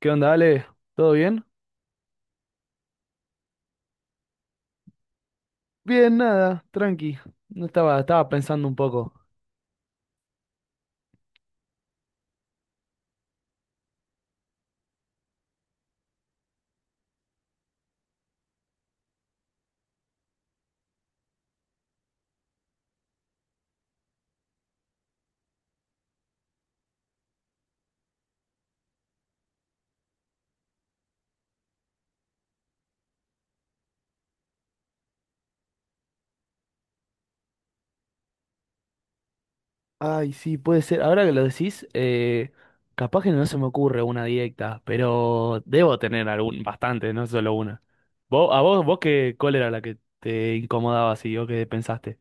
¿Qué onda, Ale? ¿Todo bien? Bien, nada, tranqui. No estaba, estaba pensando un poco. Ay, sí, puede ser. Ahora que lo decís, capaz que no se me ocurre una directa, pero debo tener algún, bastante, no solo una. ¿Vos, a vos, vos qué, cuál era la que te incomodaba así o qué pensaste?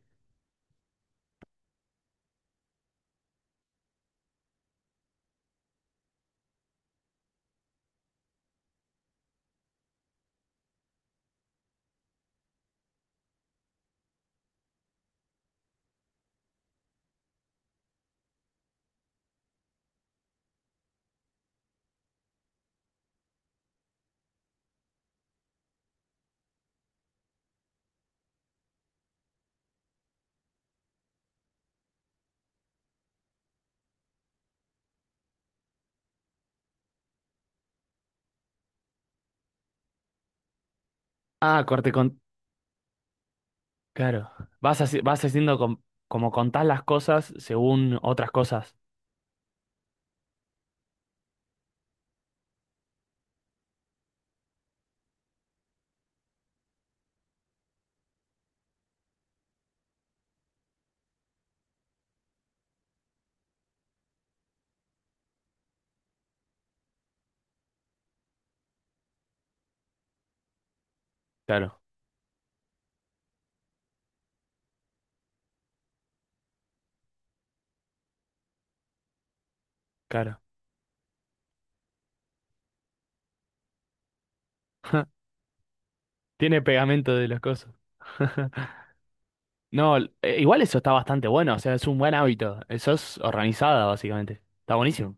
Ah, corte con... Claro. Vas haci- vas haciendo com- como contás las cosas según otras cosas. Claro, claro. Tiene pegamento de las cosas. No, igual eso está bastante bueno, o sea, es un buen hábito. Eso es organizada, básicamente. Está buenísimo.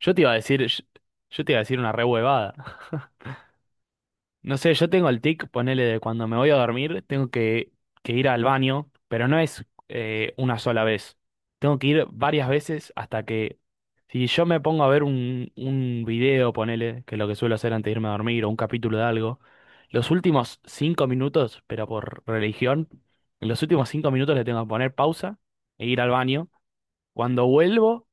Yo te iba a decir, yo, yo te iba a decir una re huevada. No sé, yo tengo el tic, ponele de cuando me voy a dormir, tengo que ir al baño, pero no es una sola vez. Tengo que ir varias veces hasta que, si yo me pongo a ver un video, ponele, que es lo que suelo hacer antes de irme a dormir, o un capítulo de algo, los últimos 5 minutos, pero por religión, en los últimos 5 minutos le tengo que poner pausa e ir al baño. Cuando vuelvo,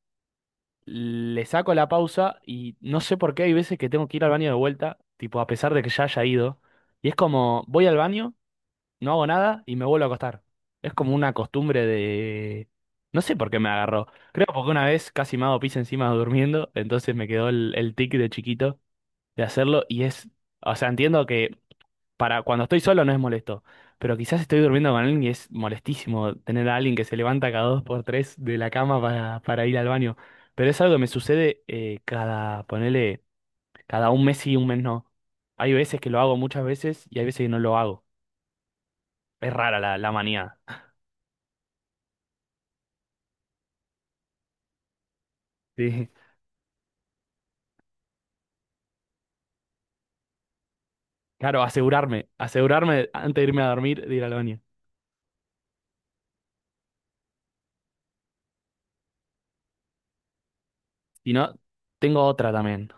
le saco la pausa y no sé por qué hay veces que tengo que ir al baño de vuelta, tipo a pesar de que ya haya ido. Y es como, voy al baño, no hago nada y me vuelvo a acostar. Es como una costumbre de... No sé por qué me agarró. Creo porque una vez casi me hago pis encima durmiendo, entonces me quedó el tic de chiquito de hacerlo y es... O sea, entiendo que para cuando estoy solo no es molesto, pero quizás estoy durmiendo con alguien y es molestísimo tener a alguien que se levanta cada dos por tres de la cama para ir al baño. Pero es algo que me sucede cada, ponele, cada un mes sí, un mes no. Hay veces que lo hago muchas veces y hay veces que no lo hago. Es rara la manía. Sí. Claro, asegurarme, asegurarme antes de irme a dormir de ir al baño. Si no, tengo otra también,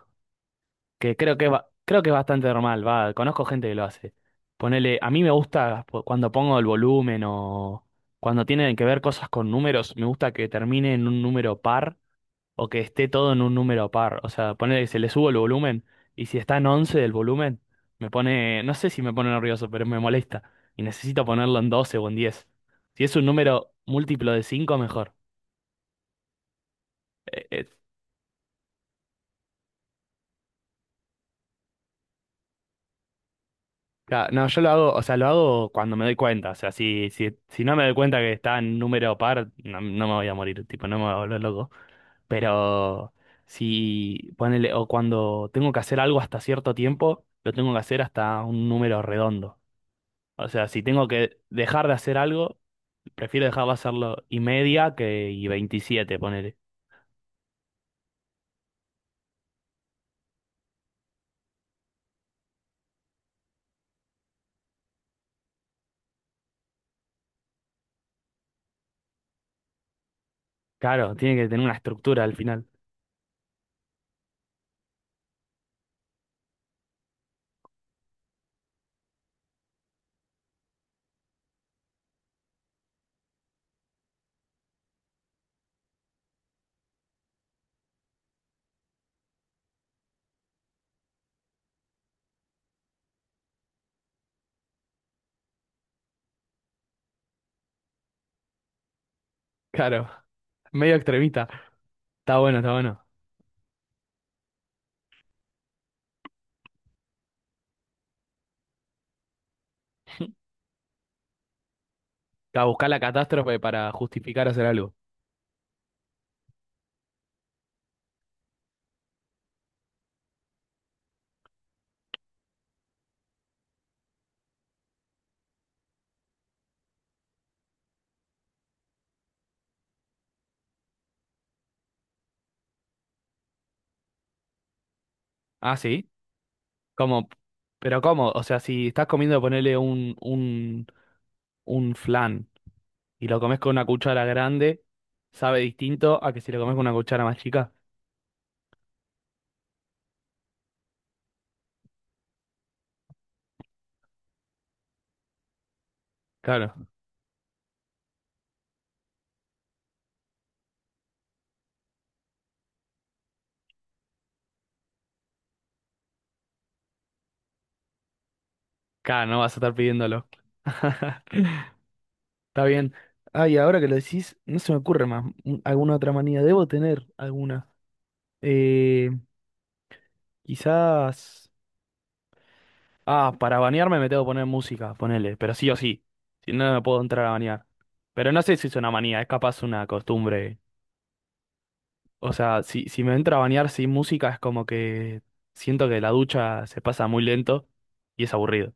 que creo que es bastante normal, va, conozco gente que lo hace. Ponele, a mí me gusta cuando pongo el volumen o cuando tienen que ver cosas con números, me gusta que termine en un número par o que esté todo en un número par, o sea, ponele que se le subo el volumen y si está en 11 del volumen, me pone, no sé si me pone nervioso, pero me molesta y necesito ponerlo en 12 o en 10. Si es un número múltiplo de 5 mejor. Eh, eh, Claro, no, yo lo hago, o sea, lo hago cuando me doy cuenta. O sea, si no me doy cuenta que está en número par, no, no me voy a morir, tipo, no me voy a volver loco. Pero si ponele, o cuando tengo que hacer algo hasta cierto tiempo, lo tengo que hacer hasta un número redondo. O sea, si tengo que dejar de hacer algo, prefiero dejar de hacerlo y media que y 27 ponele. Claro, tiene que tener una estructura al final. Claro, medio extremista. Está bueno, está bueno. Buscar la catástrofe para justificar hacer algo. Ah, sí. ¿Cómo? Pero ¿cómo? O sea, si estás comiendo, ponerle un flan y lo comes con una cuchara grande, sabe distinto a que si lo comes con una cuchara más chica. Claro, claro, no vas a estar pidiéndolo. Está bien. Ay, ahora que lo decís, no se me ocurre más. ¿Alguna otra manía? Debo tener alguna. Eh, Quizás. Ah, para bañarme me tengo que poner música, ponele, pero sí o sí. Si no, no puedo entrar a bañar. Pero no sé si es una manía, es capaz una costumbre. O sea, si, si me entra a bañar sin música es como que siento que la ducha se pasa muy lento y es aburrido.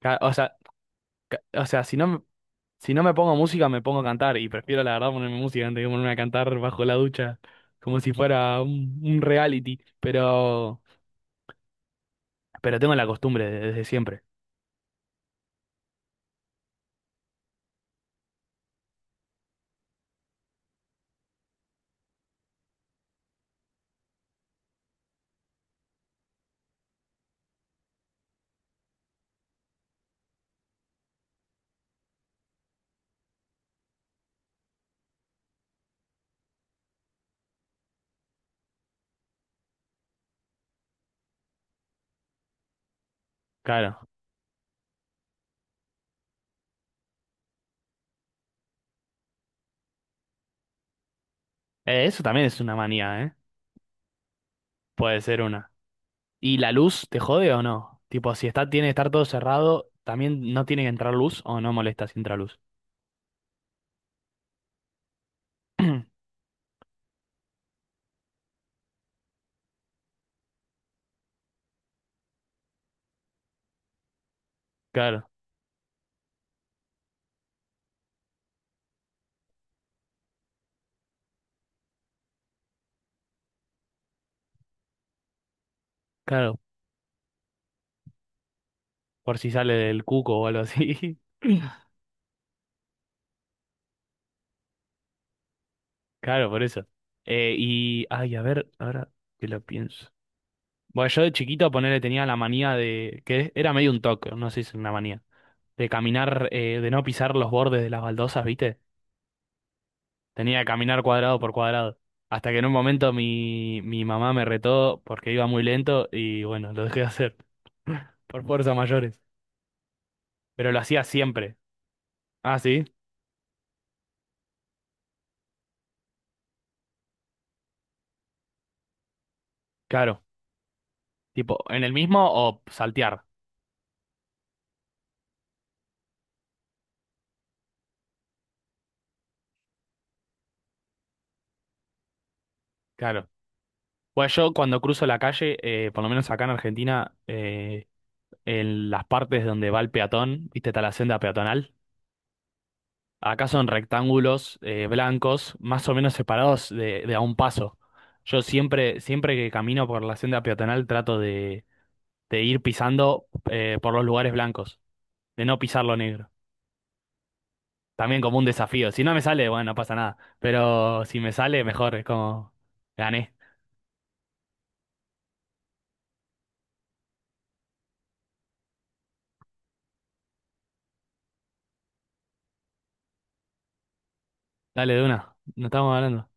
Ca- O sea, ca- o sea, si no, me- si no me pongo música me pongo a cantar y prefiero la verdad ponerme música antes que ponerme a cantar bajo la ducha como si fuera un reality. Pero tengo la costumbre desde siempre. Claro. Eso también es una manía, ¿eh? Puede ser una. ¿Y la luz te jode o no? Tipo, si está, tiene que estar todo cerrado, ¿también no tiene que entrar luz o no molesta si entra luz? Claro. Claro, por si sale del cuco o algo así. Claro, por eso. Y, ay, a ver, ahora que lo pienso. Bueno, yo de chiquito, ponerle tenía la manía de, que era medio un toque, no sé si es una manía, de caminar, de no pisar los bordes de las baldosas, ¿viste? Tenía que caminar cuadrado por cuadrado. Hasta que en un momento mi mamá me retó porque iba muy lento y bueno, lo dejé de hacer. Por fuerzas mayores. Pero lo hacía siempre. Ah, sí, claro. Tipo, en el mismo o saltear. Claro. Bueno, yo cuando cruzo la calle, por lo menos acá en Argentina, en las partes donde va el peatón, viste, está la senda peatonal, acá son rectángulos blancos, más o menos separados de a un paso. Yo siempre, siempre que camino por la senda peatonal trato de ir pisando por los lugares blancos, de no pisar lo negro. También como un desafío. Si no me sale, bueno, no pasa nada. Pero si me sale, mejor, es como gané. Dale de una, no estamos hablando.